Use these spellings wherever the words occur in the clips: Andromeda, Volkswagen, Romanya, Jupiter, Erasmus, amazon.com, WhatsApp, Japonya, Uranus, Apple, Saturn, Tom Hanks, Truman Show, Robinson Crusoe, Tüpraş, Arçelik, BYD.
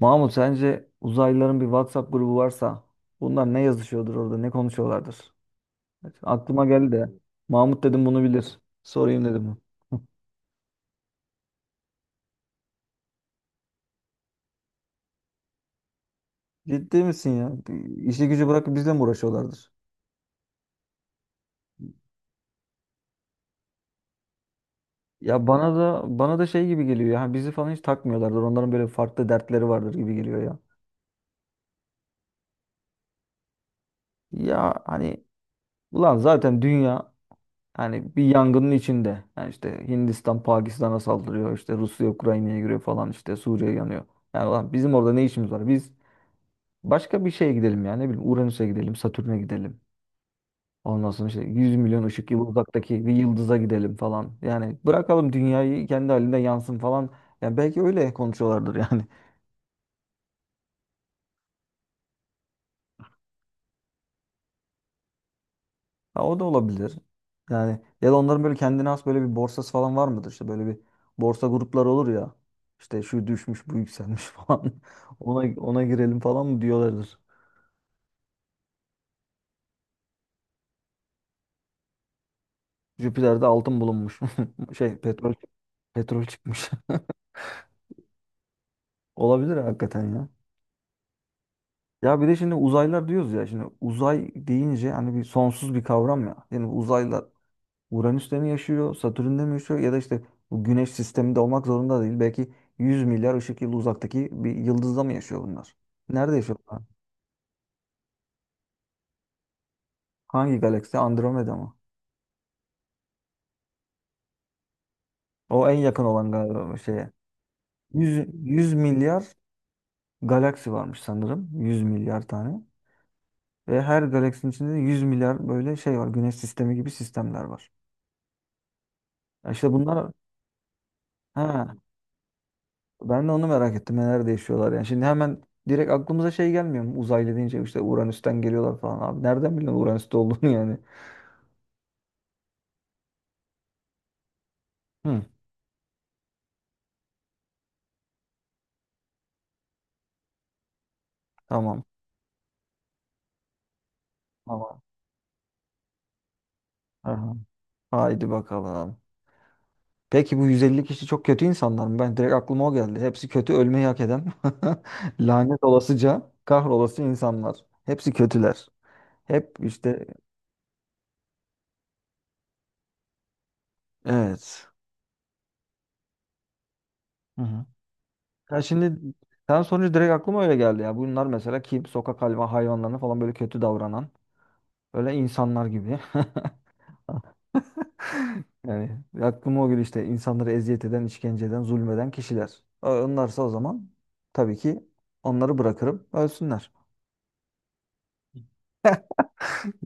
Mahmut, sence uzaylıların bir WhatsApp grubu varsa bunlar ne yazışıyordur orada, ne konuşuyorlardır? Evet, aklıma geldi de Mahmut dedim bunu bilir, sorayım dedim. Ciddi misin ya? İşi gücü bırakıp bizle mi uğraşıyorlardır? Ya bana da şey gibi geliyor ya, hani bizi falan hiç takmıyorlardır. Onların böyle farklı dertleri vardır gibi geliyor ya. Ya hani ulan zaten dünya hani bir yangının içinde. Yani işte Hindistan Pakistan'a saldırıyor. İşte Rusya Ukrayna'ya giriyor falan, işte Suriye yanıyor. Yani ulan bizim orada ne işimiz var? Biz başka bir şeye gidelim yani. Ne bileyim Uranüs'e gidelim, Satürn'e gidelim. Ondan sonra işte 100 milyon ışık yılı uzaktaki bir yıldıza gidelim falan. Yani bırakalım dünyayı kendi halinde yansın falan. Yani belki öyle konuşuyorlardır yani. Ha, o da olabilir. Yani ya da onların böyle kendine has böyle bir borsası falan var mıdır? İşte böyle bir borsa grupları olur ya. İşte şu düşmüş, bu yükselmiş falan. Ona girelim falan mı diyorlardır. Jüpiter'de altın bulunmuş. Şey petrol petrol çıkmış. Olabilir hakikaten ya. Ya bir de şimdi uzaylar diyoruz ya, şimdi uzay deyince hani bir sonsuz bir kavram ya. Yani uzaylar Uranüs'te mi yaşıyor, Satürn'de mi yaşıyor, ya da işte bu Güneş sisteminde olmak zorunda değil. Belki 100 milyar ışık yılı uzaktaki bir yıldızda mı yaşıyor bunlar? Nerede yaşıyorlar? Hangi galaksi? Andromeda mı? O en yakın olan galiba şeye. 100, 100 milyar galaksi varmış sanırım. 100 milyar tane. Ve her galaksinin içinde de 100 milyar böyle şey var. Güneş sistemi gibi sistemler var. Ya İşte bunlar. He, ben de onu merak ettim. Neler değişiyorlar yani. Şimdi hemen direkt aklımıza şey gelmiyor mu? Uzaylı deyince işte Uranüs'ten geliyorlar falan. Abi nereden biliyorsun Uranüs'te olduğunu yani? Hı, tamam. Tamam. Aha. Haydi bakalım. Peki bu 150 kişi çok kötü insanlar mı? Ben direkt aklıma o geldi. Hepsi kötü, ölmeyi hak eden. Lanet olasıca kahrolası insanlar. Hepsi kötüler. Hep işte evet. Hı hı. Ya şimdi sen sonucu direkt aklıma öyle geldi ya. Bunlar mesela kim? Sokak hayvanlarına falan böyle kötü davranan. Böyle insanlar gibi. Yani aklıma o gün işte insanları eziyet eden, işkence eden, zulmeden kişiler. Onlarsa o zaman tabii ki onları bırakırım, ölsünler.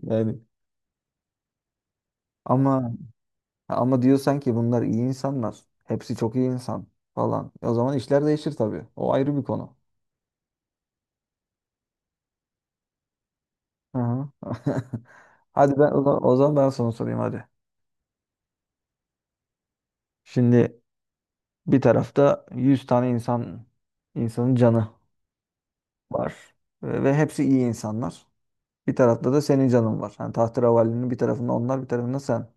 Yani ama diyorsan ki bunlar iyi insanlar. Hepsi çok iyi insan falan. E, o zaman işler değişir tabii. O ayrı bir konu. Hı hı. Hadi ben o zaman ben sana sorayım hadi. Şimdi bir tarafta 100 tane insan, insanın canı var ve hepsi iyi insanlar. Bir tarafta da senin canın var. Yani tahterevalinin bir tarafında onlar, bir tarafında sen.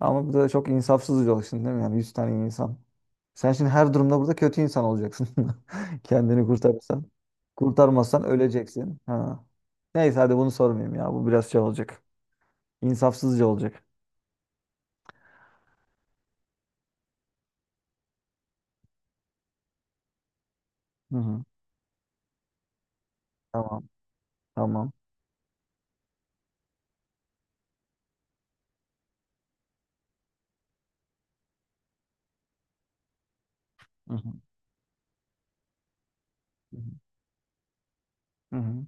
Ama bu da çok insafsızca bir şimdi, değil mi? Yani 100 tane insan. Sen şimdi her durumda burada kötü insan olacaksın. Kendini kurtarırsan. Kurtarmazsan öleceksin. Ha. Neyse hadi bunu sormayayım ya. Bu biraz şey olacak. İnsafsızca olacak. Hı hı. Tamam. Tamam. Hı hı. Hı hı.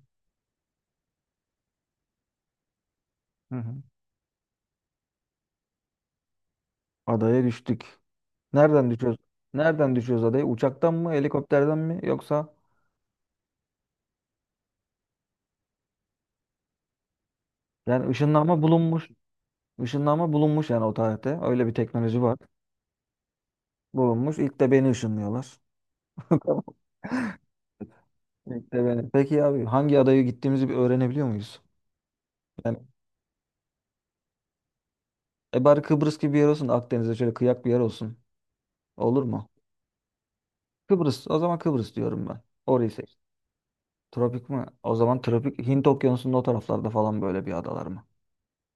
Hı hı. Adaya düştük. Nereden düşüyoruz? Nereden düşüyoruz adaya? Uçaktan mı? Helikopterden mi? Yoksa yani ışınlanma bulunmuş. Işınlanma bulunmuş yani o tarihte. Öyle bir teknoloji var. Bulunmuş. İlk de beni ışınlıyorlar. Tamam. İlk de beni. Peki abi hangi adaya gittiğimizi bir öğrenebiliyor muyuz? Yani e bari Kıbrıs gibi bir yer olsun da Akdeniz'de şöyle kıyak bir yer olsun. Olur mu? Kıbrıs. O zaman Kıbrıs diyorum ben. Orayı seç. Tropik mi? O zaman tropik Hint Okyanusu'nun o taraflarda falan böyle bir adalar mı?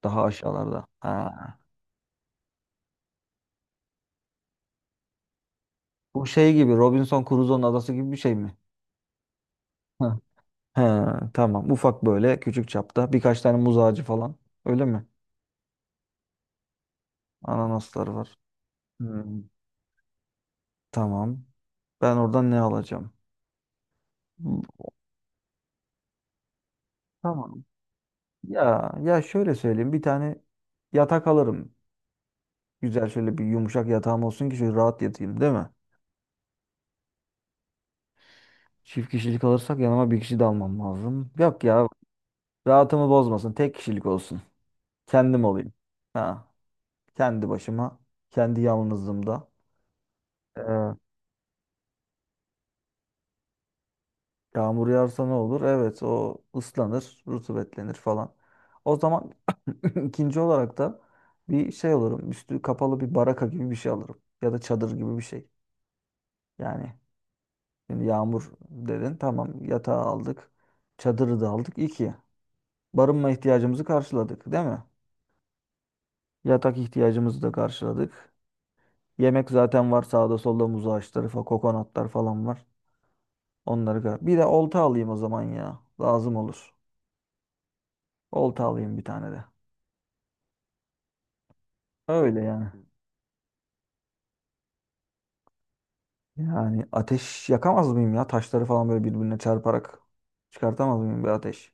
Daha aşağılarda. Ha. Bu şey gibi Robinson Crusoe'nun adası gibi bir şey mi? Ha. Ha, tamam. Ufak böyle küçük çapta birkaç tane muz ağacı falan. Öyle mi? Ananasları var. Hmm, tamam. Ben oradan ne alacağım? Hmm, tamam. Ya şöyle söyleyeyim. Bir tane yatak alırım. Güzel şöyle bir yumuşak yatağım olsun ki şöyle rahat yatayım, değil mi? Çift kişilik alırsak yanıma bir kişi de almam lazım. Yok ya. Rahatımı bozmasın. Tek kişilik olsun. Kendim olayım. Ha, kendi başıma, kendi yalnızlığımda. Ee, yağmur yağarsa ne olur? Evet, o ıslanır, rutubetlenir falan. O zaman İkinci olarak da bir şey alırım. Üstü kapalı bir baraka gibi bir şey alırım. Ya da çadır gibi bir şey. Yani şimdi yağmur dedin. Tamam, yatağı aldık. Çadırı da aldık. İki. Barınma ihtiyacımızı karşıladık, değil mi? Yatak ihtiyacımızı da karşıladık. Yemek zaten var, sağda solda muz ağaçları falan, kokonatlar falan var. Bir de olta alayım o zaman ya. Lazım olur. Olta alayım bir tane de. Öyle yani. Yani ateş yakamaz mıyım ya? Taşları falan böyle birbirine çarparak çıkartamaz mıyım bir ateş?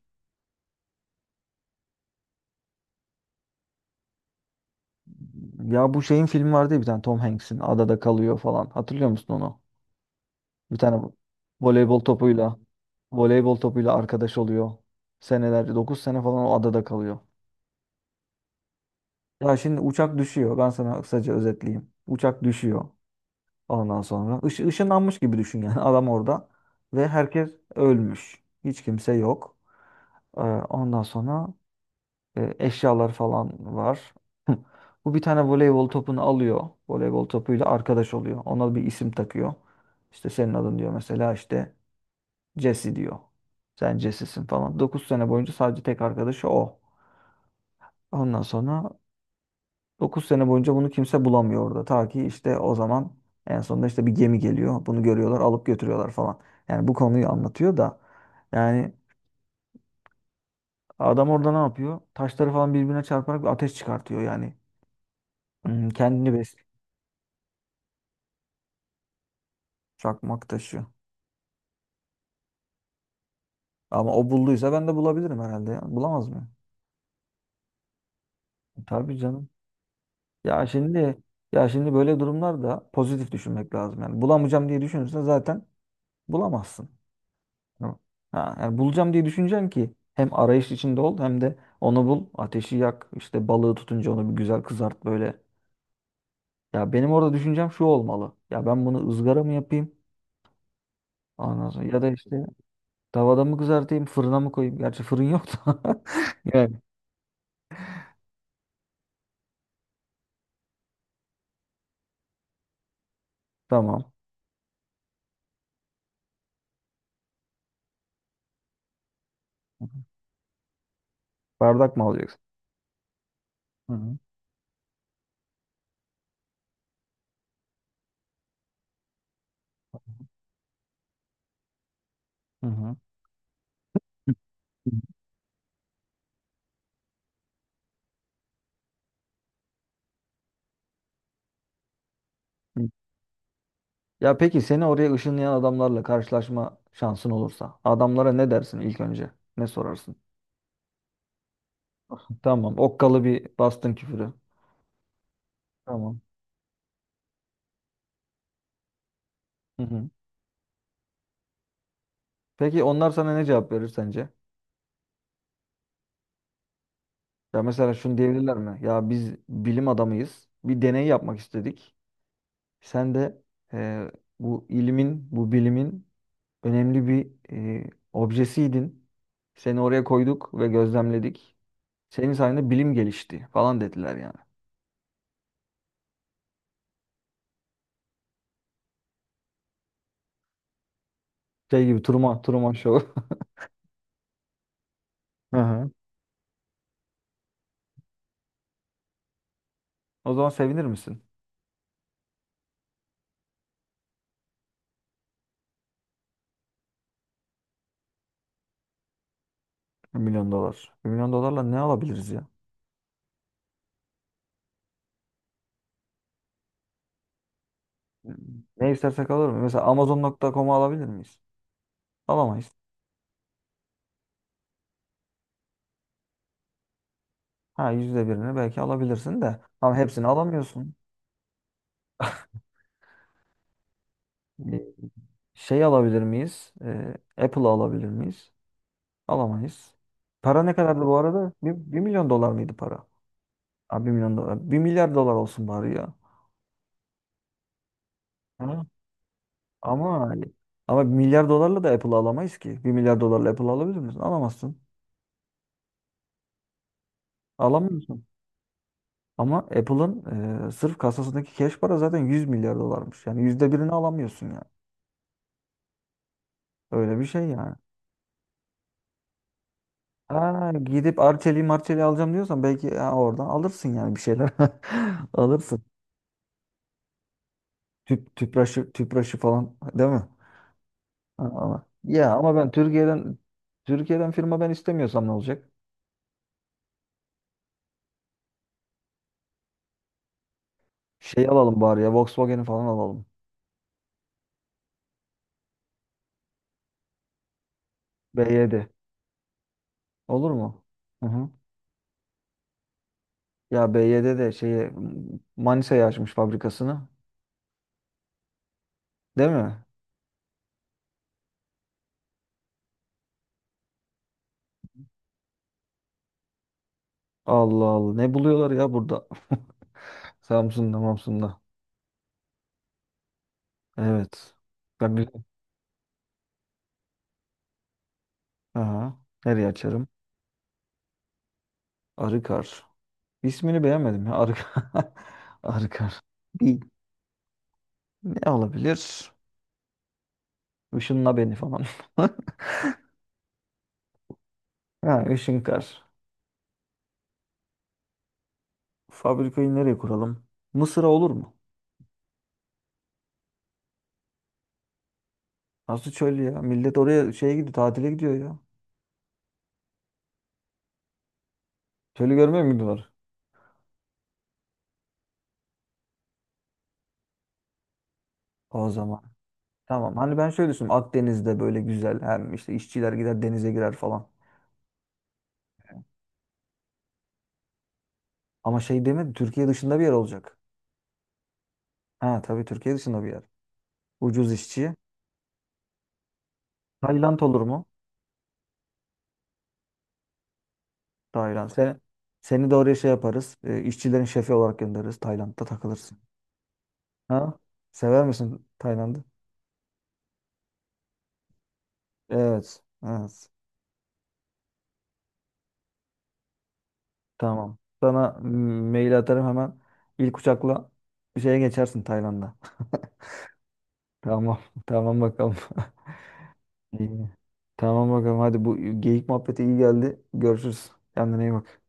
Ya bu şeyin filmi vardı ya, bir tane Tom Hanks'in, adada kalıyor falan. Hatırlıyor musun onu? Bir tane voleybol topuyla voleybol topuyla arkadaş oluyor. Senelerce 9 sene falan o adada kalıyor. Ya şimdi uçak düşüyor. Ben sana kısaca özetleyeyim. Uçak düşüyor ondan sonra. Işınlanmış gibi düşün yani adam orada. Ve herkes ölmüş. Hiç kimse yok. Ee, ondan sonra e, eşyalar falan var. Bu bir tane voleybol topunu alıyor. Voleybol topuyla arkadaş oluyor. Ona bir isim takıyor. İşte senin adın diyor, mesela işte Jesse diyor. Sen Jesse'sin falan. 9 sene boyunca sadece tek arkadaşı o. Ondan sonra 9 sene boyunca bunu kimse bulamıyor orada. Ta ki işte o zaman en sonunda işte bir gemi geliyor. Bunu görüyorlar, alıp götürüyorlar falan. Yani bu konuyu anlatıyor da yani adam orada ne yapıyor? Taşları falan birbirine çarparak bir ateş çıkartıyor yani. Hmm, kendini besliyor. Çakmak taşı. Ama o bulduysa ben de bulabilirim herhalde ya. Bulamaz mı? Tabii canım. Ya şimdi ya şimdi böyle durumlarda pozitif düşünmek lazım. Yani bulamayacağım diye düşünürsen zaten bulamazsın. Tamam. Ha, yani bulacağım diye düşüneceksin ki hem arayış içinde ol, hem de onu bul, ateşi yak, işte balığı tutunca onu bir güzel kızart böyle. Ya benim orada düşüncem şu olmalı. Ya ben bunu ızgara mı yapayım? Ondan sonra ya da işte tavada mı kızartayım, fırına mı koyayım? Gerçi fırın yok da. Yani tamam. Bardak mı alacaksın? Hı hı. Hı hı. Hı. Hı. Ya peki seni oraya ışınlayan adamlarla karşılaşma şansın olursa, adamlara ne dersin ilk önce? Ne sorarsın? Tamam. Okkalı bir bastın küfürü. Tamam. Hı hı. Peki onlar sana ne cevap verir sence? Ya mesela şunu diyebilirler mi? Ya biz bilim adamıyız. Bir deney yapmak istedik. Sen de e, bu bilimin önemli bir e, objesiydin. Seni oraya koyduk ve gözlemledik. Senin sayende bilim gelişti falan dediler yani. Şey gibi Truman Show. Hı hı. O zaman sevinir misin? 1 milyon dolar. 1 milyon dolarla ne alabiliriz ya? Ne istersek alır mı? Mesela amazon.com'u alabilir miyiz? Alamayız. Ha, yüzde birini belki alabilirsin de. Ama hepsini alamıyorsun. E, şey alabilir miyiz? E, Apple'ı alabilir miyiz? Alamayız. Para ne kadardı bu arada? 1 milyon dolar mıydı para? Abi 1 milyon dolar. 1 milyar dolar olsun bari ya. Ha? Ama ama 1 milyar dolarla da Apple'ı alamayız ki. 1 milyar dolarla Apple'ı alabilir misin? Alamazsın. Alamıyorsun. Ama Apple'ın e, sırf kasasındaki cash para zaten 100 milyar dolarmış. Yani yüzde birini alamıyorsun yani. Öyle bir şey yani. Ha, gidip Arçelik'i Marçelik'i alacağım diyorsan belki ya, oradan alırsın yani bir şeyler. Alırsın. Tüpraşı falan, değil mi? Ha, ama, ya ama ben Türkiye'den firma ben istemiyorsam ne olacak? Şey alalım bari ya, Volkswagen'i falan alalım. BYD. Olur mu? Hı hı. Ya BYD de şeyi Manisa'ya açmış fabrikasını. Değil mi? Allah Allah. Ne buluyorlar ya burada? Samsun'da, Mamsun'da. Evet. Ya güzel. Aha. Nereye açarım? Arıkar. İsmini beğenmedim ya. Arıkar. Arıkar. Bir ne olabilir? Işınla beni falan. Ha, Işınkar. Fabrikayı nereye kuralım? Mısır'a olur mu? Nasıl çöl ya? Millet oraya şeye gidiyor, tatile gidiyor ya. Çölü görmüyor mu gidiyorlar? O zaman. Tamam. Hani ben şöyle düşündüm. Akdeniz'de böyle güzel. Hem işte işçiler gider denize girer falan. Ama şey demedi Türkiye dışında bir yer olacak. Ha tabii, Türkiye dışında bir yer. Ucuz işçi. Tayland olur mu? Tayland. Seni de oraya şey yaparız. E, işçilerin şefi olarak göndeririz. Tayland'da takılırsın. Ha? Sever misin Tayland'ı? Evet. Evet. Tamam. Sana mail atarım hemen. İlk uçakla bir şeye geçersin Tayland'a. Tamam. Tamam bakalım. İyi. Tamam bakalım. Hadi bu geyik muhabbeti iyi geldi. Görüşürüz. Kendine iyi bak.